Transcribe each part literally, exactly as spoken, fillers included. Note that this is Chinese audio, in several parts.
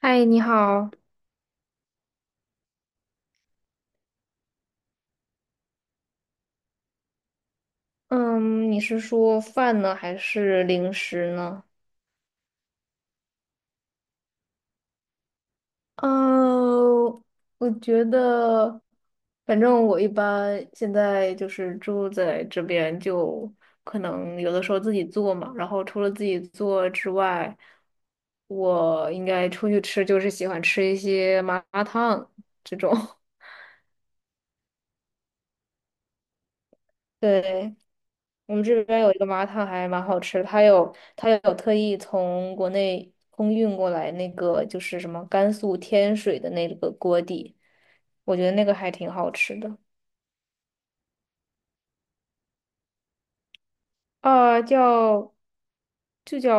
嗨，你好。嗯，你是说饭呢，还是零食呢？嗯，我觉得，反正我一般现在就是住在这边，就可能有的时候自己做嘛。然后除了自己做之外，我应该出去吃，就是喜欢吃一些麻辣烫这种。对，我们这边有一个麻辣烫还蛮好吃的，它有它有特意从国内空运过来那个就是什么甘肃天水的那个锅底，我觉得那个还挺好吃的。啊、叫就叫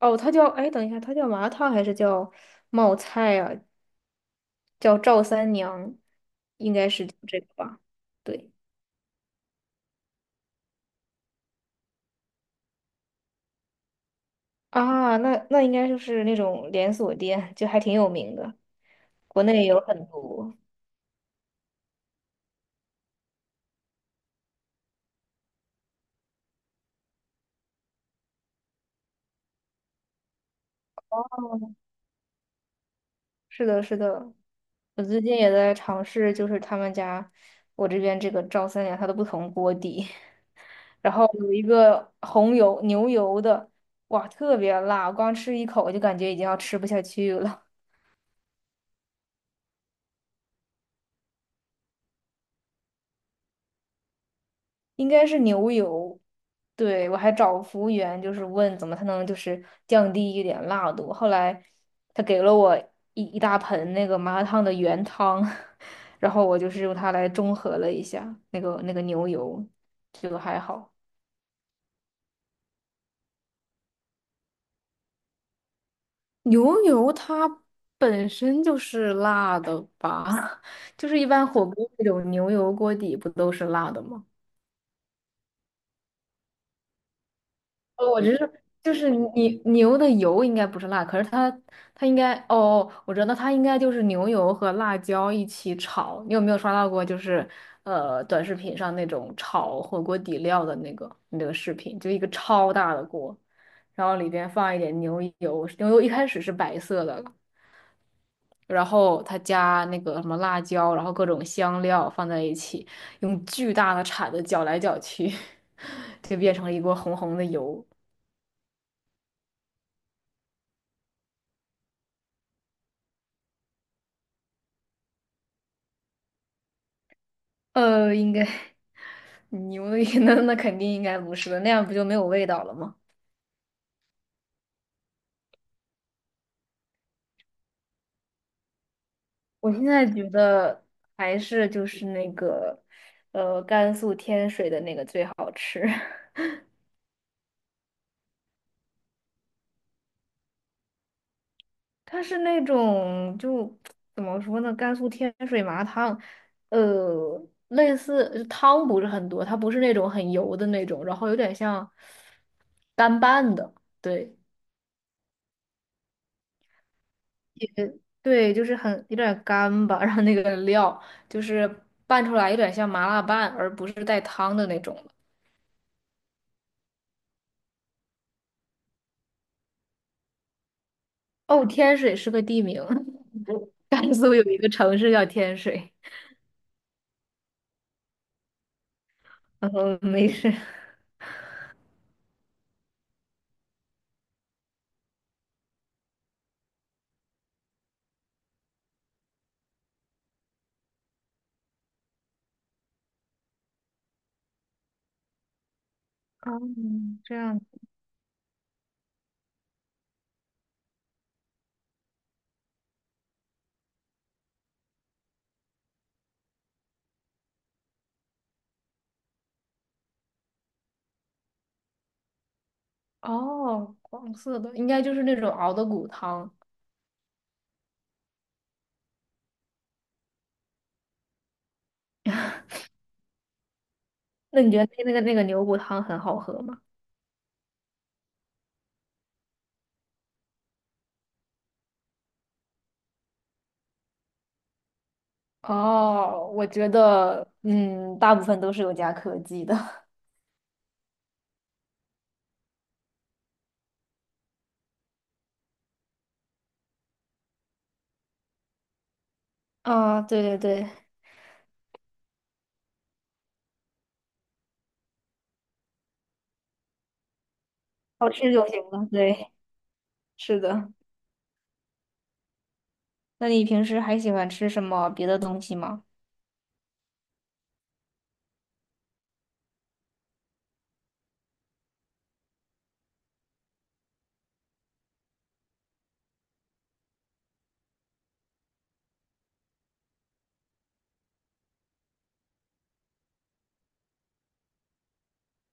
哦，它叫哎，等一下，它叫麻辣烫还是叫冒菜啊？叫赵三娘，应该是叫这个吧？对。啊，那那应该就是那种连锁店，就还挺有名的，国内有很多。是的，是的，我最近也在尝试，就是他们家我这边这个赵三娘它的不同锅底，然后有一个红油牛油的，哇，特别辣，光吃一口我就感觉已经要吃不下去了，应该是牛油。对，我还找服务员，就是问怎么才能就是降低一点辣度。后来他给了我一一大盆那个麻辣烫的原汤，然后我就是用它来中和了一下那个那个牛油，就还好。牛油它本身就是辣的吧？就是一般火锅那种牛油锅底不都是辣的吗？哦，我只是就是你牛的油应该不是辣，可是它它应该，哦，我觉得它应该就是牛油和辣椒一起炒。你有没有刷到过就是呃短视频上那种炒火锅底料的那个那个视频？就一个超大的锅，然后里边放一点牛油，牛油一开始是白色的，然后他加那个什么辣椒，然后各种香料放在一起，用巨大的铲子搅来搅去，就变成了一锅红红的油。呃，应该牛的 那那肯定应该不是的，那样不就没有味道了吗？我现在觉得还是就是那个，呃，甘肃天水的那个最好吃。它是那种就怎么说呢，甘肃天水麻辣烫，呃，类似汤不是很多，它不是那种很油的那种，然后有点像干拌的，对。对，就是很有点干吧，然后那个料就是拌出来有点像麻辣拌，而不是带汤的那种了。哦，天水是个地名，甘肃有一个城市叫天水。嗯，没事。哦，这样。哦，黄色的应该就是那种熬的骨汤。那你觉得那个那个牛骨汤很好喝吗？哦，我觉得，嗯，大部分都是有加科技的。啊，对对对，好吃就行了。对，是的。那你平时还喜欢吃什么别的东西吗？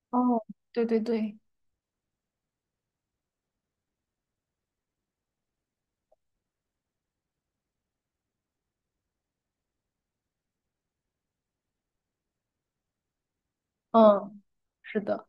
哦，对对对，嗯，是的。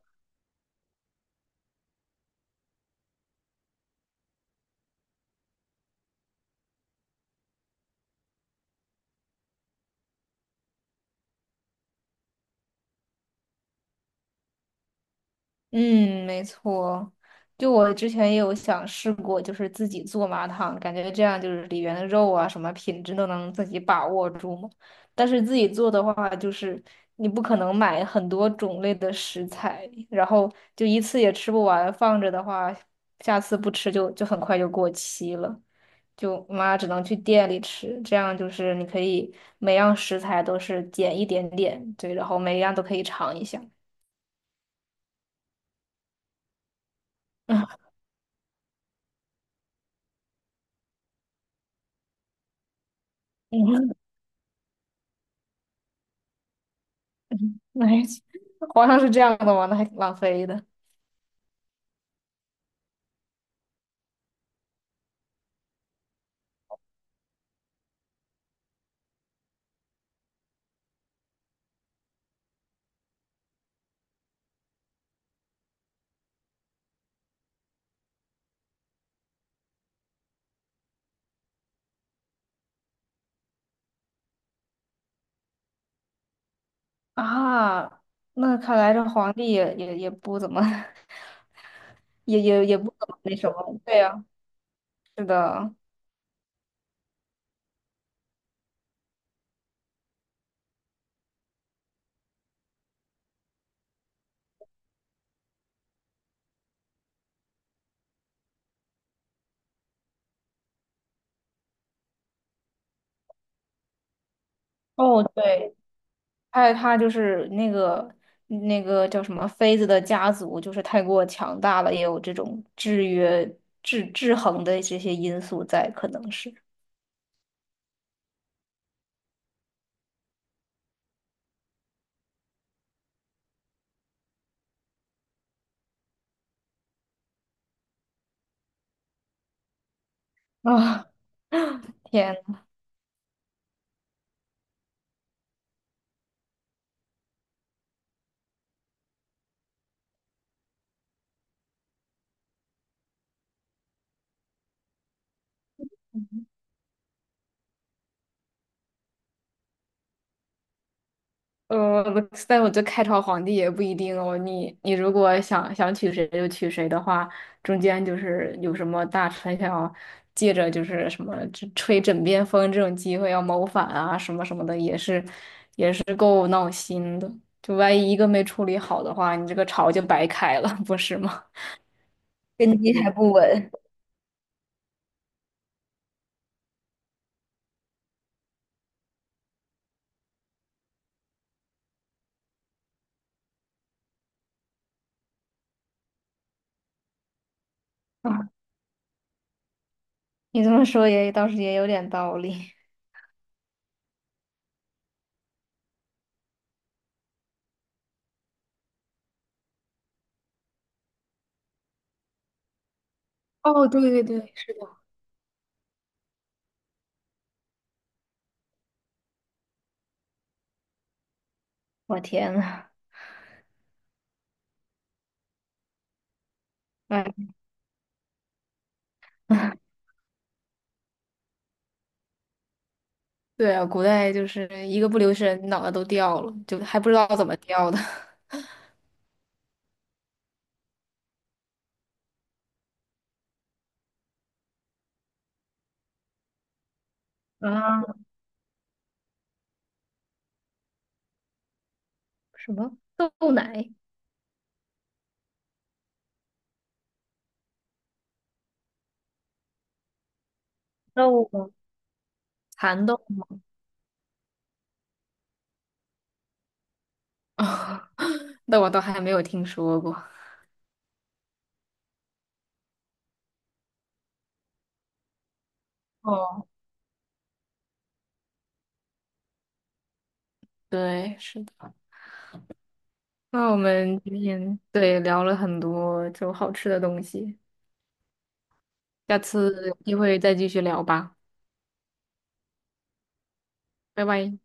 嗯，没错。就我之前也有想试过，就是自己做麻汤，感觉这样就是里面的肉啊，什么品质都能自己把握住嘛。但是自己做的话，就是你不可能买很多种类的食材，然后就一次也吃不完，放着的话，下次不吃就就很快就过期了。就妈只能去店里吃，这样就是你可以每样食材都是减一点点，对，然后每一样都可以尝一下。那皇上是这样的吗？那还挺浪费的啊。那看来这皇帝也也也不怎么，也也也不怎么那什么。对呀，是的。哦，对，还有他就是那个那个叫什么妃子的家族，就是太过强大了，也有这种制约、制制衡的这些因素在，可能是。啊，天。呃，但我觉得开朝皇帝也不一定哦。你你如果想想娶谁就娶谁的话，中间就是有什么大臣想要借着就是什么这吹枕边风这种机会要谋反啊什么什么的，也是也是够闹心的。就万一一个没处理好的话，你这个朝就白开了，不是吗？根基还不稳。啊，你这么说也倒是也有点道理。哦，对对对，是的。我天呐，哎。对啊，古代就是一个不留神，脑袋都掉了，就还不知道怎么掉的。啊，什么豆奶、豆吗，蚕豆吗？那我倒还没有听说过。哦，对，是的。那我们今天对聊了很多就好吃的东西，下次有机会再继续聊吧，拜拜。